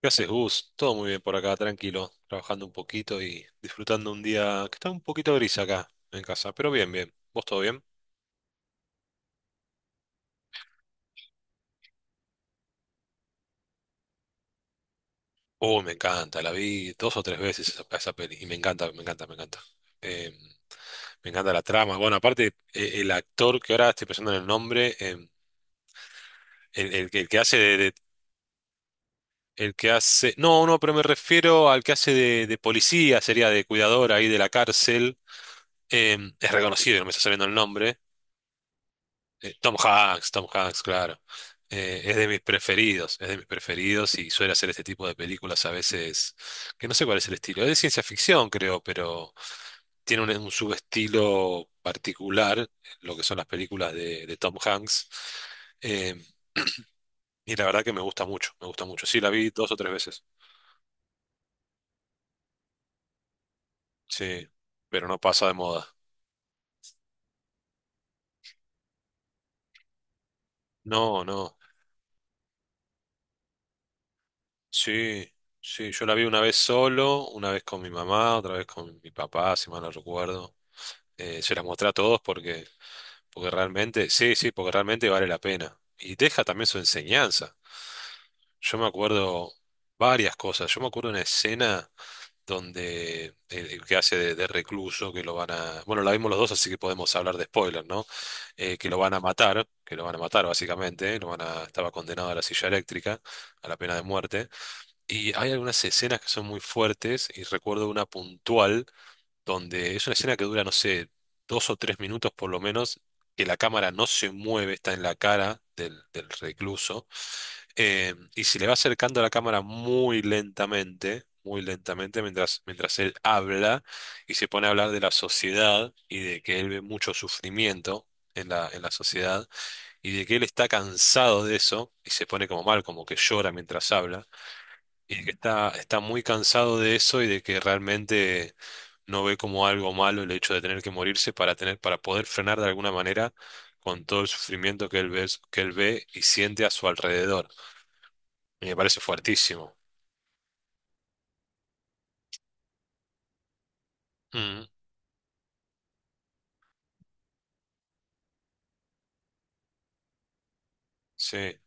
¿Qué haces, Gus? Todo muy bien por acá, tranquilo, trabajando un poquito y disfrutando un día que está un poquito gris acá en casa, pero bien, bien. ¿Vos todo bien? Oh, me encanta, la vi dos o tres veces esa, esa peli y me encanta, me encanta, me encanta. Eh, Me encanta la trama. Bueno, aparte, el actor que ahora estoy pensando en el nombre, el que hace el que hace, no, no, pero me refiero al que hace de policía, sería de cuidador ahí de la cárcel. Es reconocido, no me está saliendo el nombre. Tom Hanks, Tom Hanks, claro. Es de mis preferidos, es de mis preferidos y suele hacer este tipo de películas a veces, que no sé cuál es el estilo. Es de ciencia ficción, creo, pero tiene un subestilo particular, lo que son las películas de Tom Hanks. Eh, y la verdad que me gusta mucho, me gusta mucho. Sí, la vi dos o tres veces, sí, pero no pasa de moda. No, no, sí, sí, yo la vi una vez solo, una vez con mi mamá, otra vez con mi papá, si mal no recuerdo. Se las mostré a todos porque, porque realmente, sí, sí, porque realmente vale la pena. Y deja también su enseñanza. Yo me acuerdo varias cosas. Yo me acuerdo una escena donde el que hace de recluso, que lo van a... Bueno, la vimos los dos, así que podemos hablar de spoiler, ¿no? Que lo van a matar, que lo van a matar básicamente, lo van a... Estaba condenado a la silla eléctrica, a la pena de muerte. Y hay algunas escenas que son muy fuertes y recuerdo una puntual donde es una escena que dura, no sé, dos o tres minutos por lo menos, que la cámara no se mueve, está en la cara del, del recluso, y se le va acercando a la cámara muy lentamente, mientras, mientras él habla y se pone a hablar de la sociedad y de que él ve mucho sufrimiento. En la sociedad y de que él está cansado de eso y se pone como mal, como que llora mientras habla y de que está, está muy cansado de eso y de que realmente no ve como algo malo el hecho de tener que morirse para tener, para poder frenar de alguna manera con todo el sufrimiento que él ve y siente a su alrededor. Y me parece fuertísimo. Mm, sí.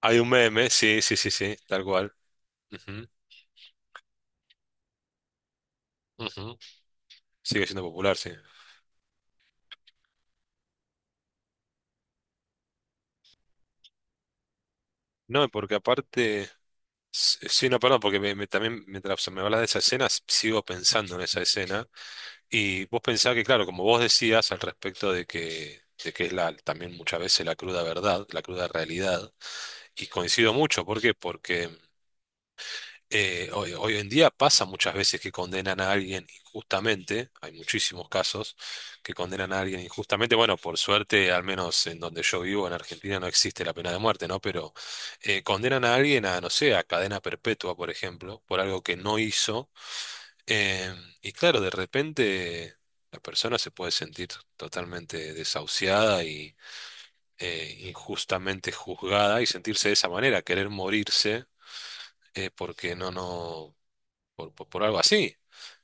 Hay un meme, sí, sí, sí, sí, tal cual. Ujú, ujú. Sigue siendo popular, sí. No, y porque aparte, s- sí, no, perdón, porque me- me- también mientras me hablas de esa escena, s- sigo pensando en esa escena. Y vos pensás que, claro, como vos decías al respecto de que es la, también muchas veces la cruda verdad, la cruda realidad, y coincido mucho, ¿por qué? Porque hoy, hoy en día pasa muchas veces que condenan a alguien injustamente, hay muchísimos casos que condenan a alguien injustamente, bueno, por suerte, al menos en donde yo vivo, en Argentina, no existe la pena de muerte, ¿no? Pero condenan a alguien a, no sé, a cadena perpetua, por ejemplo, por algo que no hizo, eh, y claro, de repente la persona se puede sentir totalmente desahuciada y injustamente juzgada y sentirse de esa manera, querer morirse porque no, no, por algo así.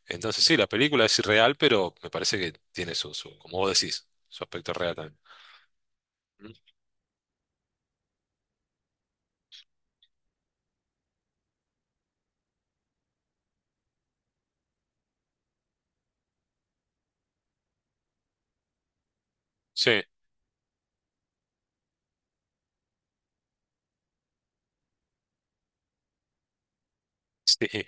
Entonces sí, la película es irreal, pero me parece que tiene su, su, como vos decís, su aspecto real también. Ujú. Sí, sí, sí,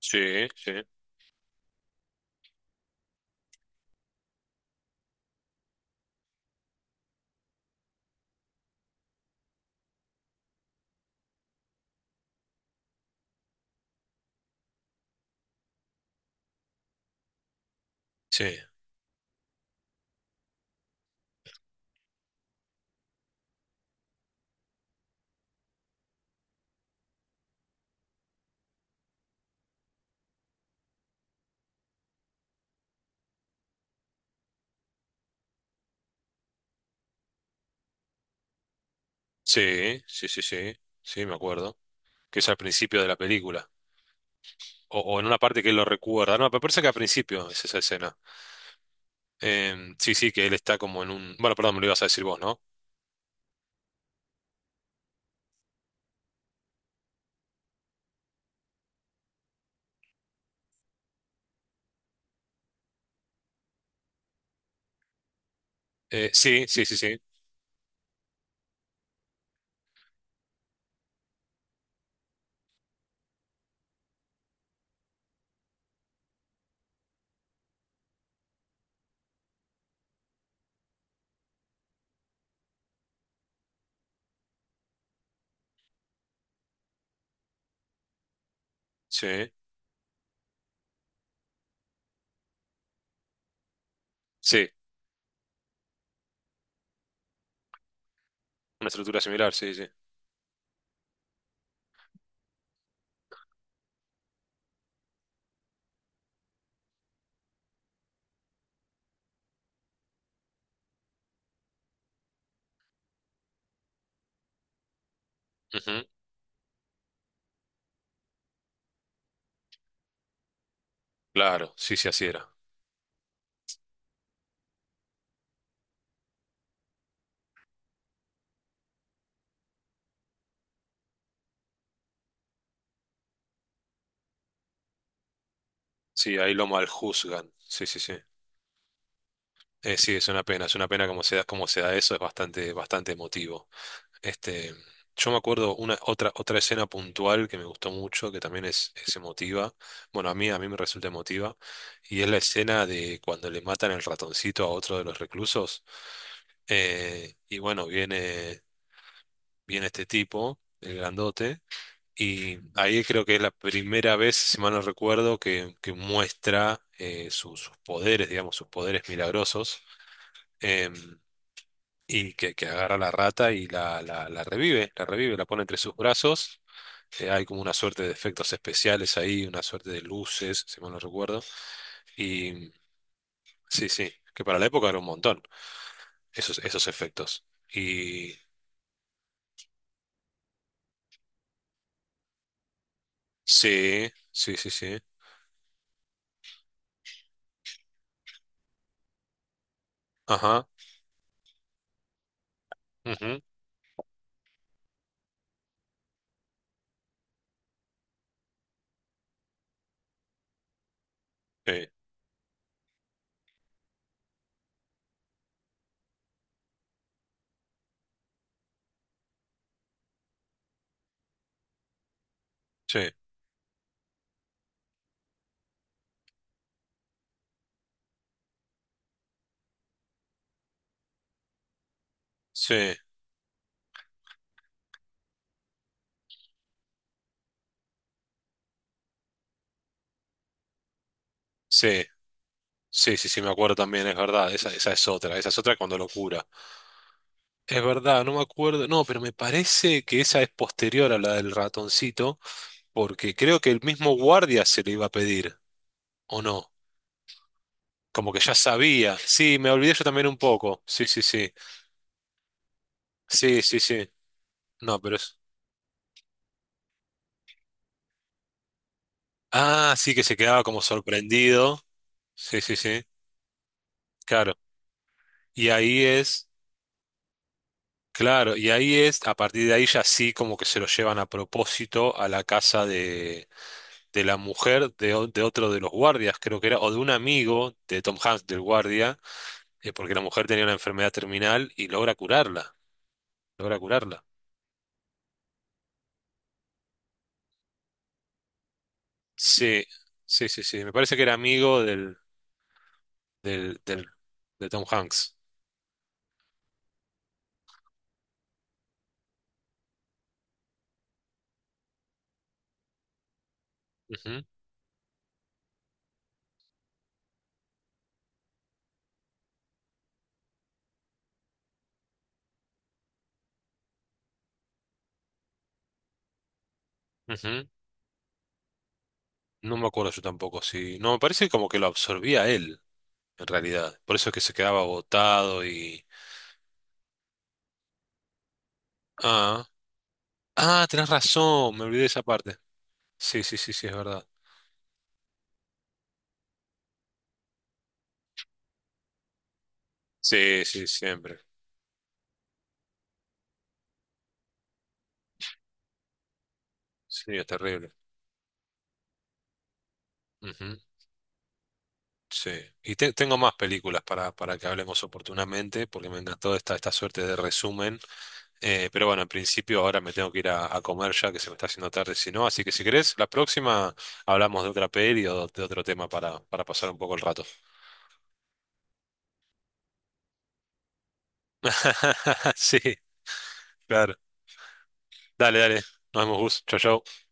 sí, sí, sí, sí, sí, sí, sí, me acuerdo. Que es al principio de la película. O en una parte que él lo recuerda. No, me parece que al principio es esa escena. Sí, sí, que él está como en un... Bueno, perdón, me lo ibas a decir vos, ¿no? Sí, sí, sí, sí, sí, sí. Una estructura similar, sí, sí. Ujú, claro, sí, sí, así era. Sí, ahí lo maljuzgan. Sí, sí, sí. Sí, es una pena como se da eso, es bastante, bastante emotivo. Este, yo me acuerdo una, otra, otra escena puntual que me gustó mucho, que también es emotiva. Bueno, a mí me resulta emotiva. Y es la escena de cuando le matan el ratoncito a otro de los reclusos. Y bueno, viene, viene este tipo, el grandote. Y ahí creo que es la primera vez, si mal no recuerdo, que muestra su- sus poderes, digamos, sus poderes milagrosos, em, y que agarra a la rata y la revive, la revive, la pone entre sus brazos. Hay como una suerte de efectos especiales ahí, una suerte de luces, si mal no recuerdo. Y sí, sí, que para la época era un montón, esos, esos efectos. Y sí, sí, sí, sí. Ajá. Ujú, sí, sí, sí, sí. Sí, sí, sí, me acuerdo también, es verdad, esa, esa es otra cuando lo cura. Es verdad, no me acuerdo, no, pero me parece que esa es posterior a la del ratoncito, porque creo que el mismo guardia se le iba a pedir, ¿o no? Como que ya sabía, sí, me olvidé yo también un poco, sí, sí, sí, sí, sí, sí, no, pero es... Ah, sí, que se quedaba como sorprendido, sí, sí, sí, claro, y ahí es, claro, y ahí es, a partir de ahí ya sí, como que se lo llevan a propósito a la casa de la mujer de, o- de otro de los guardias, creo que era, o de un amigo de Tom Hanks, del guardia, porque la mujer tenía una enfermedad terminal y logra curarla, logra curarla. Sí, sí, sí, sí, me parece que era amigo del, del, del- de Tom Hanks. Ujú, ujú. No me acuerdo yo tampoco, sí. No, me parece como que lo absorbía él, en realidad. Por eso es que se quedaba agotado y... Ah, ah, tenés razón, me olvidé de esa parte. Sí, sí, sí, sí, es verdad. Sí, sí, siempre. Sí, es terrible. Ujú. Sí, y te- tengo más películas para que hablemos oportunamente, porque me encantó esta, esta suerte de resumen. Pero bueno, en principio ahora me tengo que ir a comer ya, que se me está haciendo tarde, si no. Así que si querés, la próxima hablamos de otra peli o de otro tema para pasar un poco el rato. Sí, claro. Dale, dale. Nos vemos, Gus. Chau, chau.